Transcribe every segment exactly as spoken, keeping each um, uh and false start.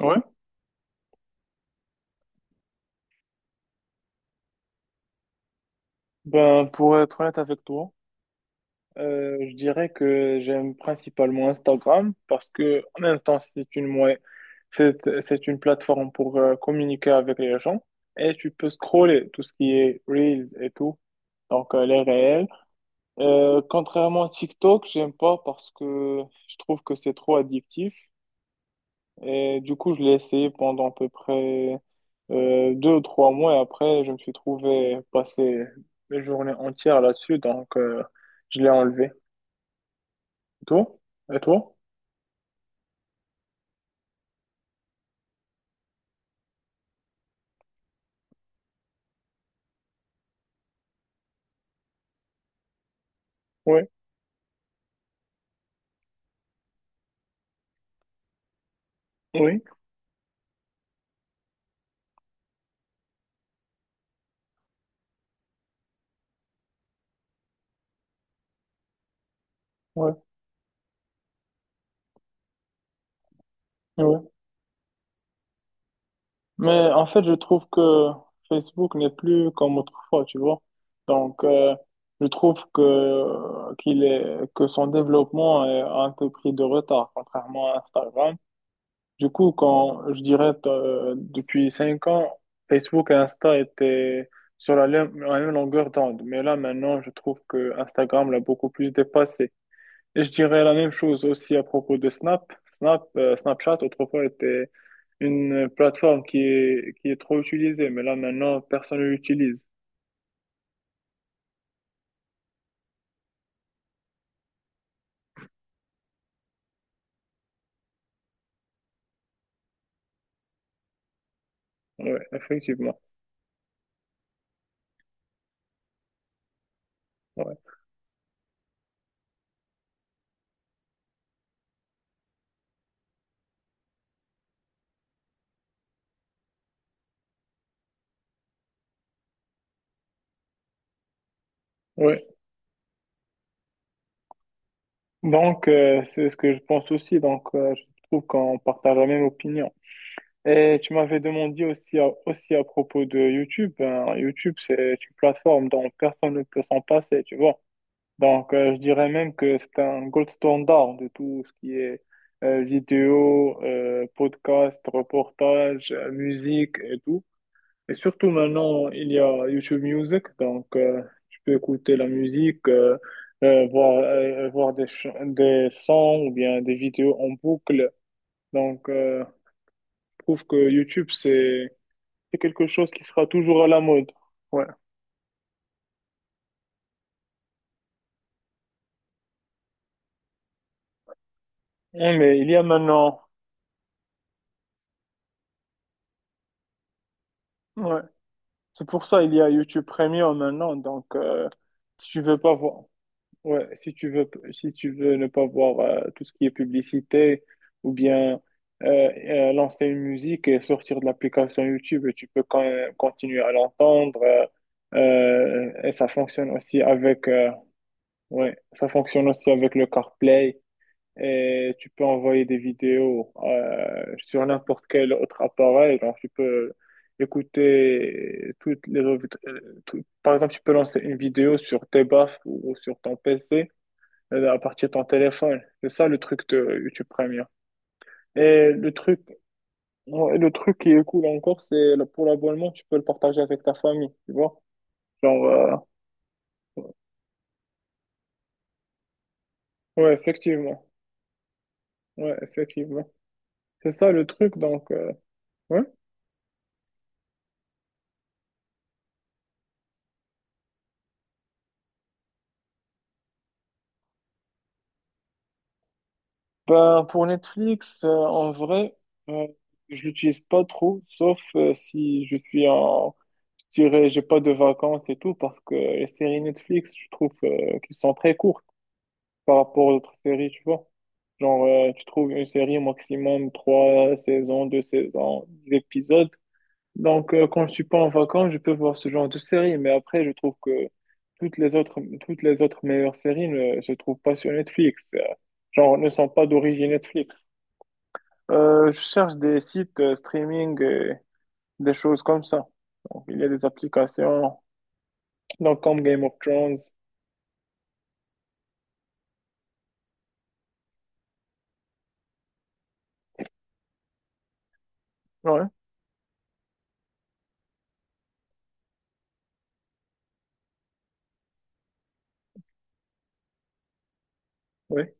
Ouais, ben, pour être honnête avec toi, euh, je dirais que j'aime principalement Instagram parce que, en même temps, c'est une, moy- c'est, c'est une plateforme pour euh, communiquer avec les gens et tu peux scroller tout ce qui est Reels et tout, donc euh, les réels. Euh, contrairement à TikTok, j'aime pas parce que je trouve que c'est trop addictif et du coup, je l'ai essayé pendant à peu près euh, deux ou trois mois et après, je me suis trouvé passer mes journées entières là-dessus, donc euh, je l'ai enlevé. Et toi? Et toi? Oui, oui, oui, oui. Mais en fait, je trouve que Facebook n'est plus comme autrefois, tu vois. Donc, euh, je trouve que qu'il est que son développement est un peu pris de retard, contrairement à Instagram. Du coup, quand je dirais euh, depuis cinq ans, Facebook et Insta étaient sur la, lem- la même longueur d'onde. Mais là, maintenant, je trouve que Instagram l'a beaucoup plus dépassé. Et je dirais la même chose aussi à propos de Snap. Snap, euh, Snapchat, autrefois, était une plateforme qui est, qui est trop utilisée. Mais là, maintenant, personne ne l'utilise. Oui, effectivement. Ouais. Ouais. Donc, euh, c'est ce que je pense aussi. Donc, euh, je trouve qu'on partage la même opinion. Et tu m'avais demandé aussi à, aussi à propos de YouTube. Ben, YouTube, c'est une plateforme dont personne ne peut s'en passer, tu vois. Donc, euh, je dirais même que c'est un gold standard de tout ce qui est euh, vidéo, euh, podcast, reportage, euh, musique et tout. Et surtout maintenant, il y a YouTube Music, donc euh, tu peux écouter la musique, euh, euh, voir, euh, voir des, ch- des sons ou bien des vidéos en boucle. Donc, euh, je trouve que YouTube, c'est c'est quelque chose qui sera toujours à la mode. Ouais. Ouais, mais il y a maintenant. Ouais. C'est pour ça il y a YouTube Premium maintenant. Donc, euh, si tu veux pas voir, ouais, si tu veux, si tu veux ne pas voir euh, tout ce qui est publicité ou bien euh, euh, lancer une musique et sortir de l'application YouTube, tu peux quand même continuer à l'entendre. Euh, euh, et ça fonctionne aussi avec, euh, ouais, ça fonctionne aussi avec le CarPlay et tu peux envoyer des vidéos euh, sur n'importe quel autre appareil. Donc, tu peux écouter toutes les revues. euh, tout- Par exemple, tu peux lancer une vidéo sur tes baffes ou ou sur ton P C euh, à partir de ton téléphone. C'est ça le truc de YouTube Premium. Et le truc, ouais, le truc qui est cool encore, c'est le- pour l'abonnement, tu peux le partager avec ta famille, tu vois. Genre, euh, ouais, effectivement. Ouais, effectivement. C'est ça le truc, donc. euh, Ouais. Ben, pour Netflix, euh, en vrai, euh, je l'utilise pas trop, sauf euh, si je suis en, je dirais, j'ai pas de vacances et tout, parce que les séries Netflix, je trouve euh, qu'elles sont très courtes par rapport aux autres séries, tu vois. Genre, euh, tu trouves une série au maximum trois saisons, deux saisons, des épisodes. Donc, euh, quand je suis pas en vacances, je peux voir ce genre de série, mais après, je trouve que toutes les autres, toutes les autres meilleures séries ne se trouvent pas sur Netflix, euh, genre ne sont pas d'origine Netflix. Euh, je cherche des sites euh, streaming, euh, des choses comme ça. Donc, il y a des applications, donc comme Game of Thrones. Ouais, ouais,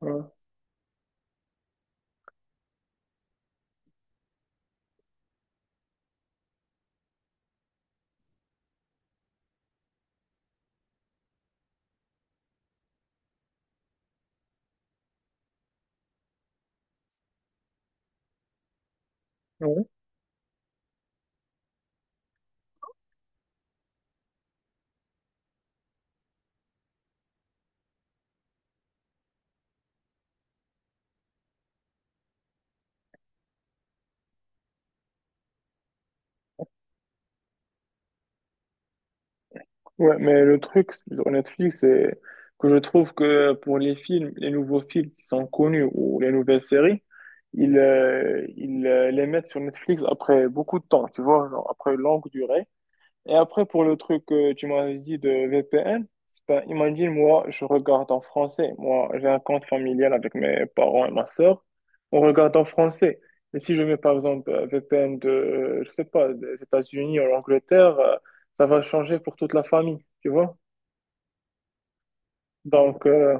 ouais, ouais. Ouais, mais le truc sur Netflix, c'est que je trouve que pour les films, les nouveaux films qui sont connus ou les nouvelles séries, ils, euh, ils euh, les mettent sur Netflix après beaucoup de temps, tu vois, genre après une longue durée. Et après, pour le truc que tu m'as dit de V P N, c'est pas, imagine, moi, je regarde en français. Moi, j'ai un compte familial avec mes parents et ma sœur. On regarde en français. Et si je mets, par exemple, un V P N de, euh, je sais pas, des États-Unis ou l'Angleterre, euh, ça va changer pour toute la famille, tu vois? Donc, euh,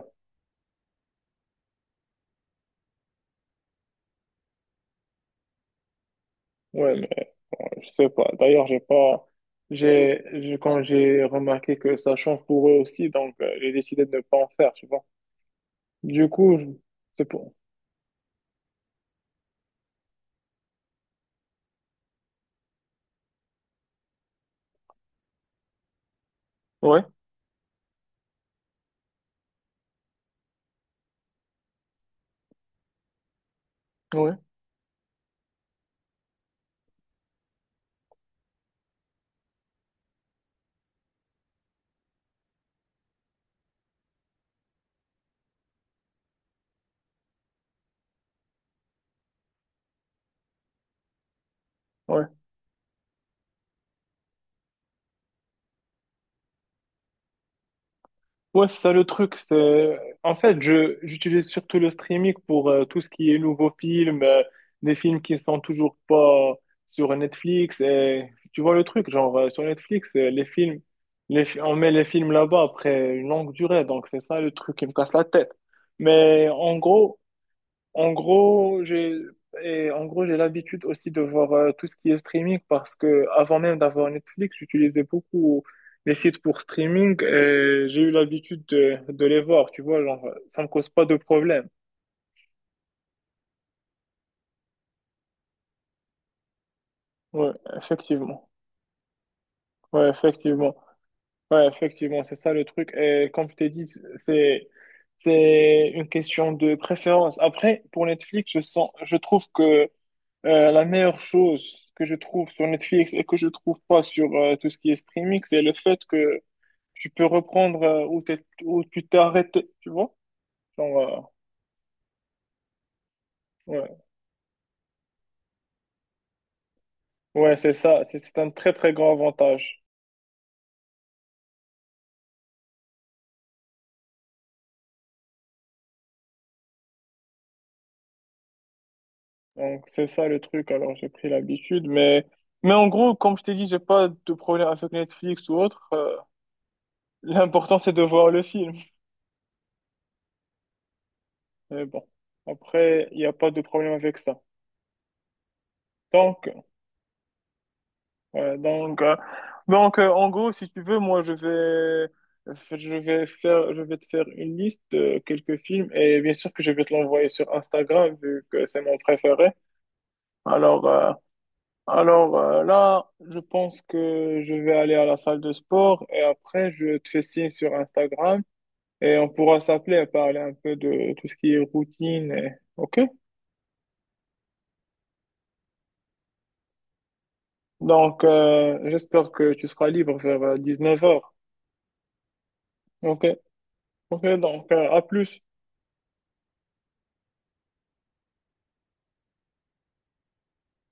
ouais, mais, euh, je sais pas. D'ailleurs, j'ai pas, j'ai, j'ai- quand j'ai remarqué que ça change pour eux aussi, donc, euh, j'ai décidé de ne pas en faire, tu vois? Du coup, je- c'est pour, ouais, ouais. Ouais. Ouais, c'est ça le truc. C'est. En fait, je, j'utilise surtout le streaming pour euh, tout ce qui est nouveaux films, euh, des films qui sont toujours pas sur Netflix. Et, tu vois le truc, genre euh, sur Netflix, euh, les films, les, fi- on met les films là-bas après une longue durée. Donc, c'est ça le truc qui me casse la tête. Mais en gros, en gros, j'ai et en gros, j'ai l'habitude aussi de voir euh, tout ce qui est streaming parce que avant même d'avoir Netflix, j'utilisais beaucoup les sites pour streaming et j'ai eu l'habitude de, de les voir, tu vois, genre ça me cause pas de problème. Ouais, effectivement. Ouais, effectivement. Ouais, effectivement, c'est ça le truc. Et comme je t'ai dit, c'est c'est une question de préférence. Après, pour Netflix, je sens je trouve que Euh, la meilleure chose que je trouve sur Netflix et que je trouve pas sur euh, tout ce qui est streaming, c'est le fait que tu peux reprendre euh, où t'es- où tu t'es arrêté, tu vois? Genre, euh, ouais, ouais, c'est ça, c'est c'est un très très grand avantage. Donc c'est ça le truc. Alors j'ai pris l'habitude, mais mais en gros, comme je t'ai dit, j'ai pas de problème avec Netflix ou autre. Euh, l'important c'est de voir le film. Mais bon, après il n'y a pas de problème avec ça. Tant Ouais, donc, euh, donc euh, en gros, si tu veux, moi, je vais, je vais faire, je vais te faire une liste de quelques films et bien sûr que je vais te l'envoyer sur Instagram vu que c'est mon préféré. Alors, euh, alors euh, là, je pense que je vais aller à la salle de sport et après, je te fais signe sur Instagram et on pourra s'appeler et parler un peu de tout ce qui est routine. et- OK? Donc, euh, j'espère que tu seras libre vers dix neuf heures OK? OK, donc, euh, à plus.